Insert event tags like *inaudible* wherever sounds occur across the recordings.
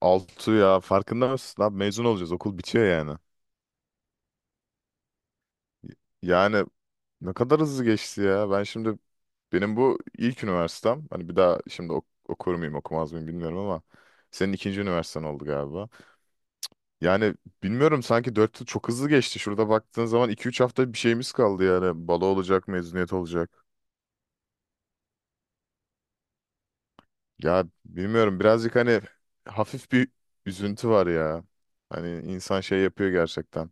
Altı ya, farkında mısın? Abi, mezun olacağız, okul bitiyor yani. Yani ne kadar hızlı geçti ya. Benim bu ilk üniversitem. Hani bir daha şimdi okur muyum, okumaz mıyım bilmiyorum ama senin ikinci üniversiten oldu galiba. Yani bilmiyorum, sanki 4 yıl çok hızlı geçti. Şurada baktığın zaman iki üç hafta bir şeyimiz kaldı yani. Balo olacak, mezuniyet olacak. Ya bilmiyorum, birazcık hani hafif bir üzüntü var ya. Hani insan şey yapıyor gerçekten.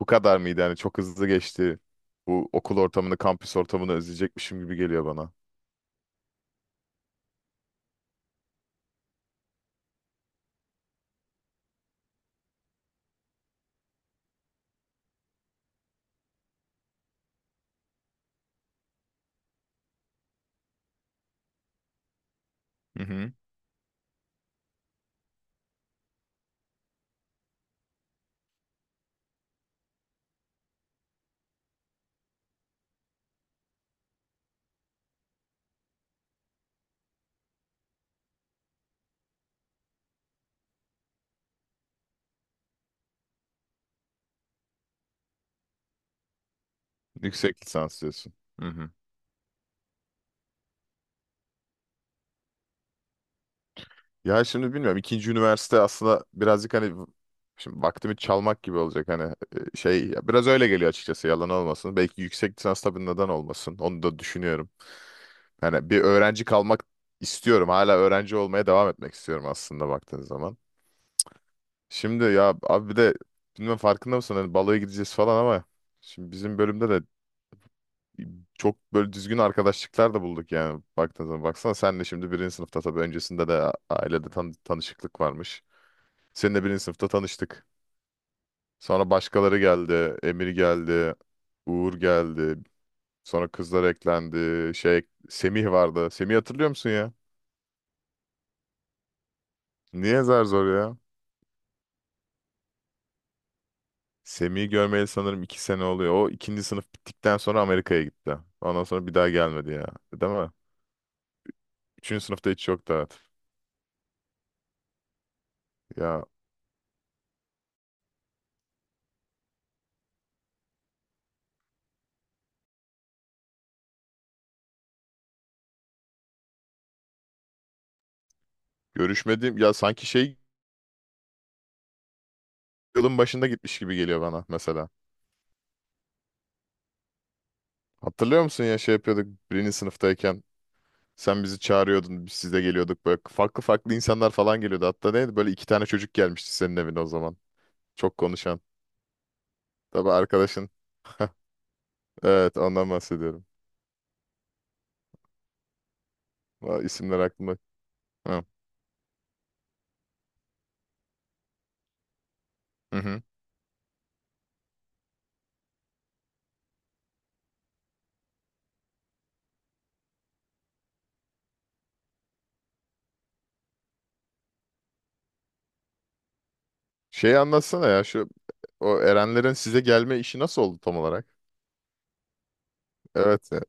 Bu kadar mıydı yani? Çok hızlı geçti. Bu okul ortamını, kampüs ortamını özleyecekmişim gibi geliyor bana. Hı hı. Yüksek lisans diyorsun. Hı hı. Ya şimdi bilmiyorum, ikinci üniversite aslında birazcık hani şimdi vaktimi çalmak gibi olacak hani, şey ya biraz öyle geliyor açıkçası, yalan olmasın. Belki yüksek lisans, tabii neden olmasın, onu da düşünüyorum. Yani bir öğrenci kalmak istiyorum, hala öğrenci olmaya devam etmek istiyorum aslında baktığın zaman. Şimdi ya abi, bir de bilmem farkında mısın, hani baloya gideceğiz falan ama şimdi bizim bölümde de çok böyle düzgün arkadaşlıklar da bulduk yani baktığın zaman. Baksana, senle şimdi birinci sınıfta, tabii öncesinde de ailede tanışıklık varmış. Seninle birinci sınıfta tanıştık. Sonra başkaları geldi. Emir geldi. Uğur geldi. Sonra kızlar eklendi. Şey, Semih vardı. Semih, hatırlıyor musun ya? Niye zar zor ya? Semih'i görmeyeli sanırım 2 sene oluyor. O, ikinci sınıf bittikten sonra Amerika'ya gitti. Ondan sonra bir daha gelmedi ya. Değil mi? Üçüncü sınıfta hiç yoktu, evet. Ya görüşmediğim ya sanki şey, yılın başında gitmiş gibi geliyor bana mesela. Hatırlıyor musun ya şey yapıyorduk birinci sınıftayken, sen bizi çağırıyordun, biz size geliyorduk, böyle farklı farklı insanlar falan geliyordu. Hatta neydi, böyle iki tane çocuk gelmişti senin evine o zaman. Çok konuşan. Tabii arkadaşın. *laughs* Evet, ondan bahsediyorum. Aa, İsimler aklımda. Hı hı. Hı. Şeyi anlatsana ya, şu o Erenlerin size gelme işi nasıl oldu tam olarak? Evet.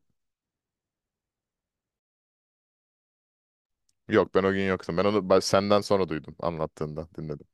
Yok, ben o gün yoktum. Ben senden sonra duydum, anlattığında dinledim.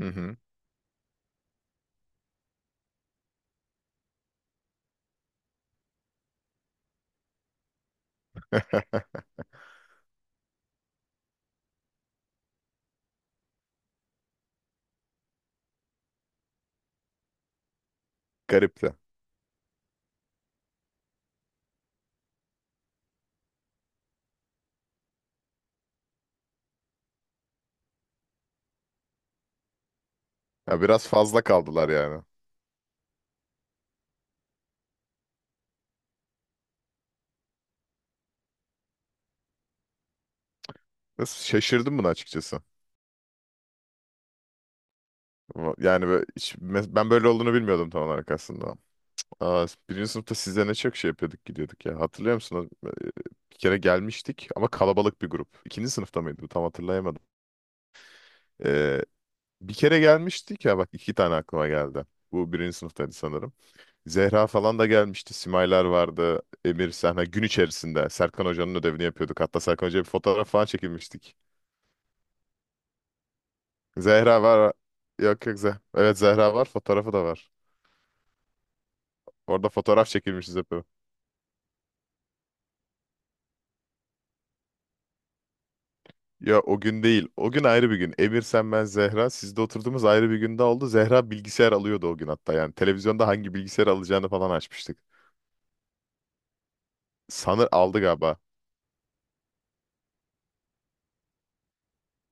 Hı hı. Garipti. Ya biraz fazla kaldılar yani. Biraz şaşırdım buna, açıkçası. Ama yani böyle ben böyle olduğunu bilmiyordum tam olarak aslında. Aa, birinci sınıfta size ne çok şey yapıyorduk, gidiyorduk ya. Hatırlıyor musun? O, bir kere gelmiştik ama kalabalık bir grup. İkinci sınıfta mıydı bu? Tam hatırlayamadım. Ee, Bir kere gelmiştik ya, bak, iki tane aklıma geldi. Bu birinci sınıftaydı sanırım. Zehra falan da gelmişti. Simaylar vardı. Emir Sahne. Gün içerisinde Serkan Hoca'nın ödevini yapıyorduk. Hatta Serkan Hoca'ya bir fotoğraf falan çekilmiştik. Zehra var. Yok yok, Zehra. Evet, Zehra var. Fotoğrafı da var. Orada fotoğraf çekilmişiz hep. Ya o gün değil. O gün ayrı bir gün. Emir, sen, ben, Zehra. Sizde oturduğumuz ayrı bir günde oldu. Zehra bilgisayar alıyordu o gün hatta. Yani televizyonda hangi bilgisayar alacağını falan açmıştık. Sanır aldı galiba.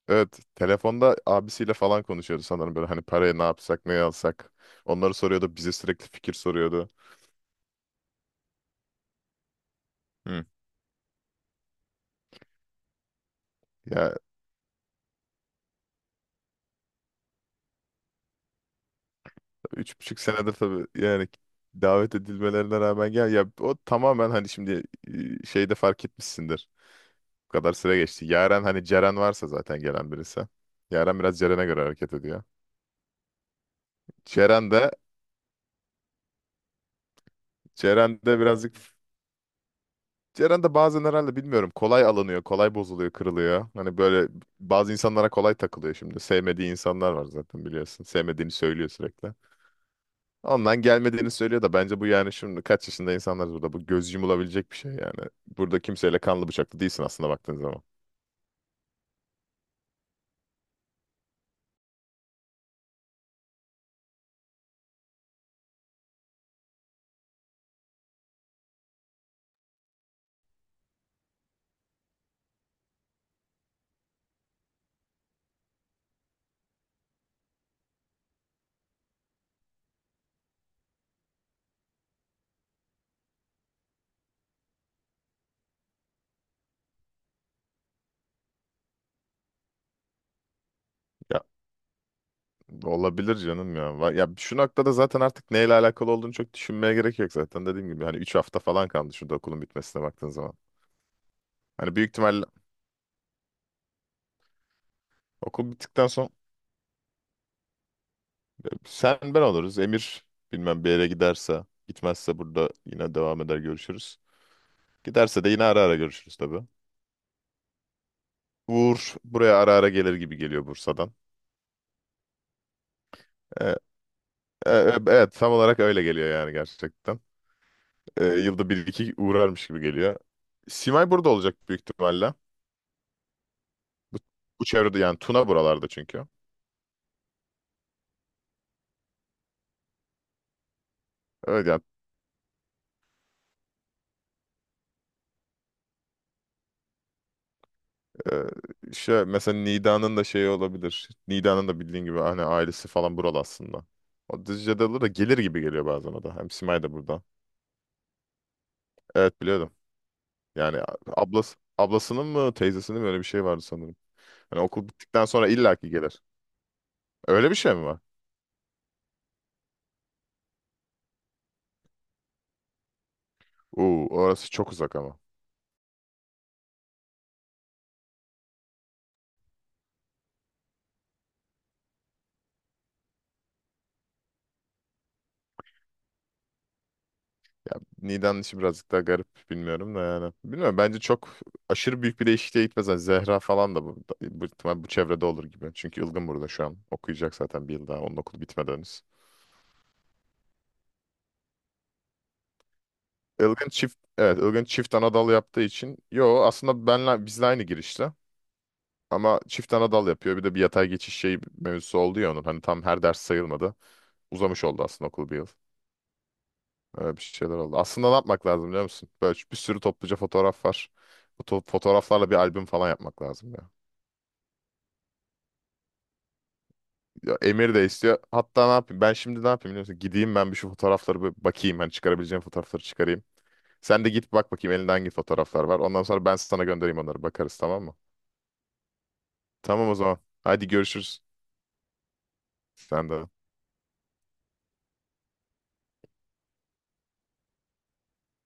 Evet, telefonda abisiyle falan konuşuyordu sanırım, böyle hani paraya ne yapsak, ne alsak. Onları soruyordu, bize sürekli fikir soruyordu. Hı. Ya 3,5 senedir tabii yani, davet edilmelerine rağmen gel ya, o tamamen hani şimdi şeyde fark etmişsindir. Bu kadar süre geçti. Yaren, hani Ceren varsa zaten gelen birisi. Yaren biraz Ceren'e göre hareket ediyor. Ceren de Ceren de birazcık Ceren de bazen, herhalde bilmiyorum, kolay alınıyor, kolay bozuluyor, kırılıyor. Hani böyle bazı insanlara kolay takılıyor şimdi. Sevmediği insanlar var zaten, biliyorsun. Sevmediğini söylüyor sürekli. Ondan gelmediğini söylüyor da bence bu yani, şimdi kaç yaşında insanlar, burada bu göz yumulabilecek bir şey yani. Burada kimseyle kanlı bıçaklı değilsin aslında baktığın zaman. Ya olabilir canım ya. Ya şu noktada zaten artık neyle alakalı olduğunu çok düşünmeye gerek yok zaten. Dediğim gibi hani 3 hafta falan kaldı şurada, okulun bitmesine baktığın zaman. Hani büyük ihtimalle okul bittikten sonra sen, ben oluruz. Emir bilmem, bir yere giderse, gitmezse burada yine devam eder, görüşürüz. Giderse de yine ara ara görüşürüz tabii. Uğur buraya ara ara gelir gibi geliyor Bursa'dan. E, e, e, evet, tam olarak öyle geliyor yani, gerçekten. Yılda bir iki uğrarmış gibi geliyor. Simay burada olacak büyük ihtimalle. Bu çevrede yani, Tuna buralarda çünkü. Evet yani, şey, mesela Nida'nın da şeyi olabilir. Nida'nın da bildiğin gibi hani ailesi falan buralı aslında. O Düzce'de olur da gelir gibi geliyor bazen o da. Hem Simay da burada. Evet, biliyordum. Yani ablasının mı, teyzesinin mi, öyle bir şey vardı sanırım. Hani okul bittikten sonra illaki gelir. Öyle bir şey mi var? Uu, orası çok uzak ama. Niğde'nin işi birazcık daha garip, bilmiyorum da yani. Bilmiyorum, bence çok aşırı büyük bir değişikliğe gitmez. Hani Zehra falan da ihtimal bu çevrede olur gibi. Çünkü Ilgın burada şu an. Okuyacak zaten bir yıl daha. Onun okulu bitmeden henüz. Evet, Ilgın çift Anadolu yaptığı için. Yo aslında bizle aynı girişte. Ama çift ana dal yapıyor. Bir de bir yatay geçiş şey mevzusu oldu ya onun. Hani tam her ders sayılmadı. Uzamış oldu aslında okul bir yıl. Öyle bir şeyler oldu. Aslında ne yapmak lazım, biliyor musun? Böyle bir sürü topluca fotoğraf var. Bu fotoğraflarla bir albüm falan yapmak lazım ya. Ya Emir de istiyor. Hatta ne yapayım? Ben şimdi ne yapayım, biliyor musun? Gideyim ben bir şu fotoğrafları bir bakayım. Hani çıkarabileceğim fotoğrafları çıkarayım. Sen de git bak bakayım elinde hangi fotoğraflar var. Ondan sonra ben sana göndereyim onları. Bakarız, tamam mı? Tamam o zaman. Hadi görüşürüz. Sen de.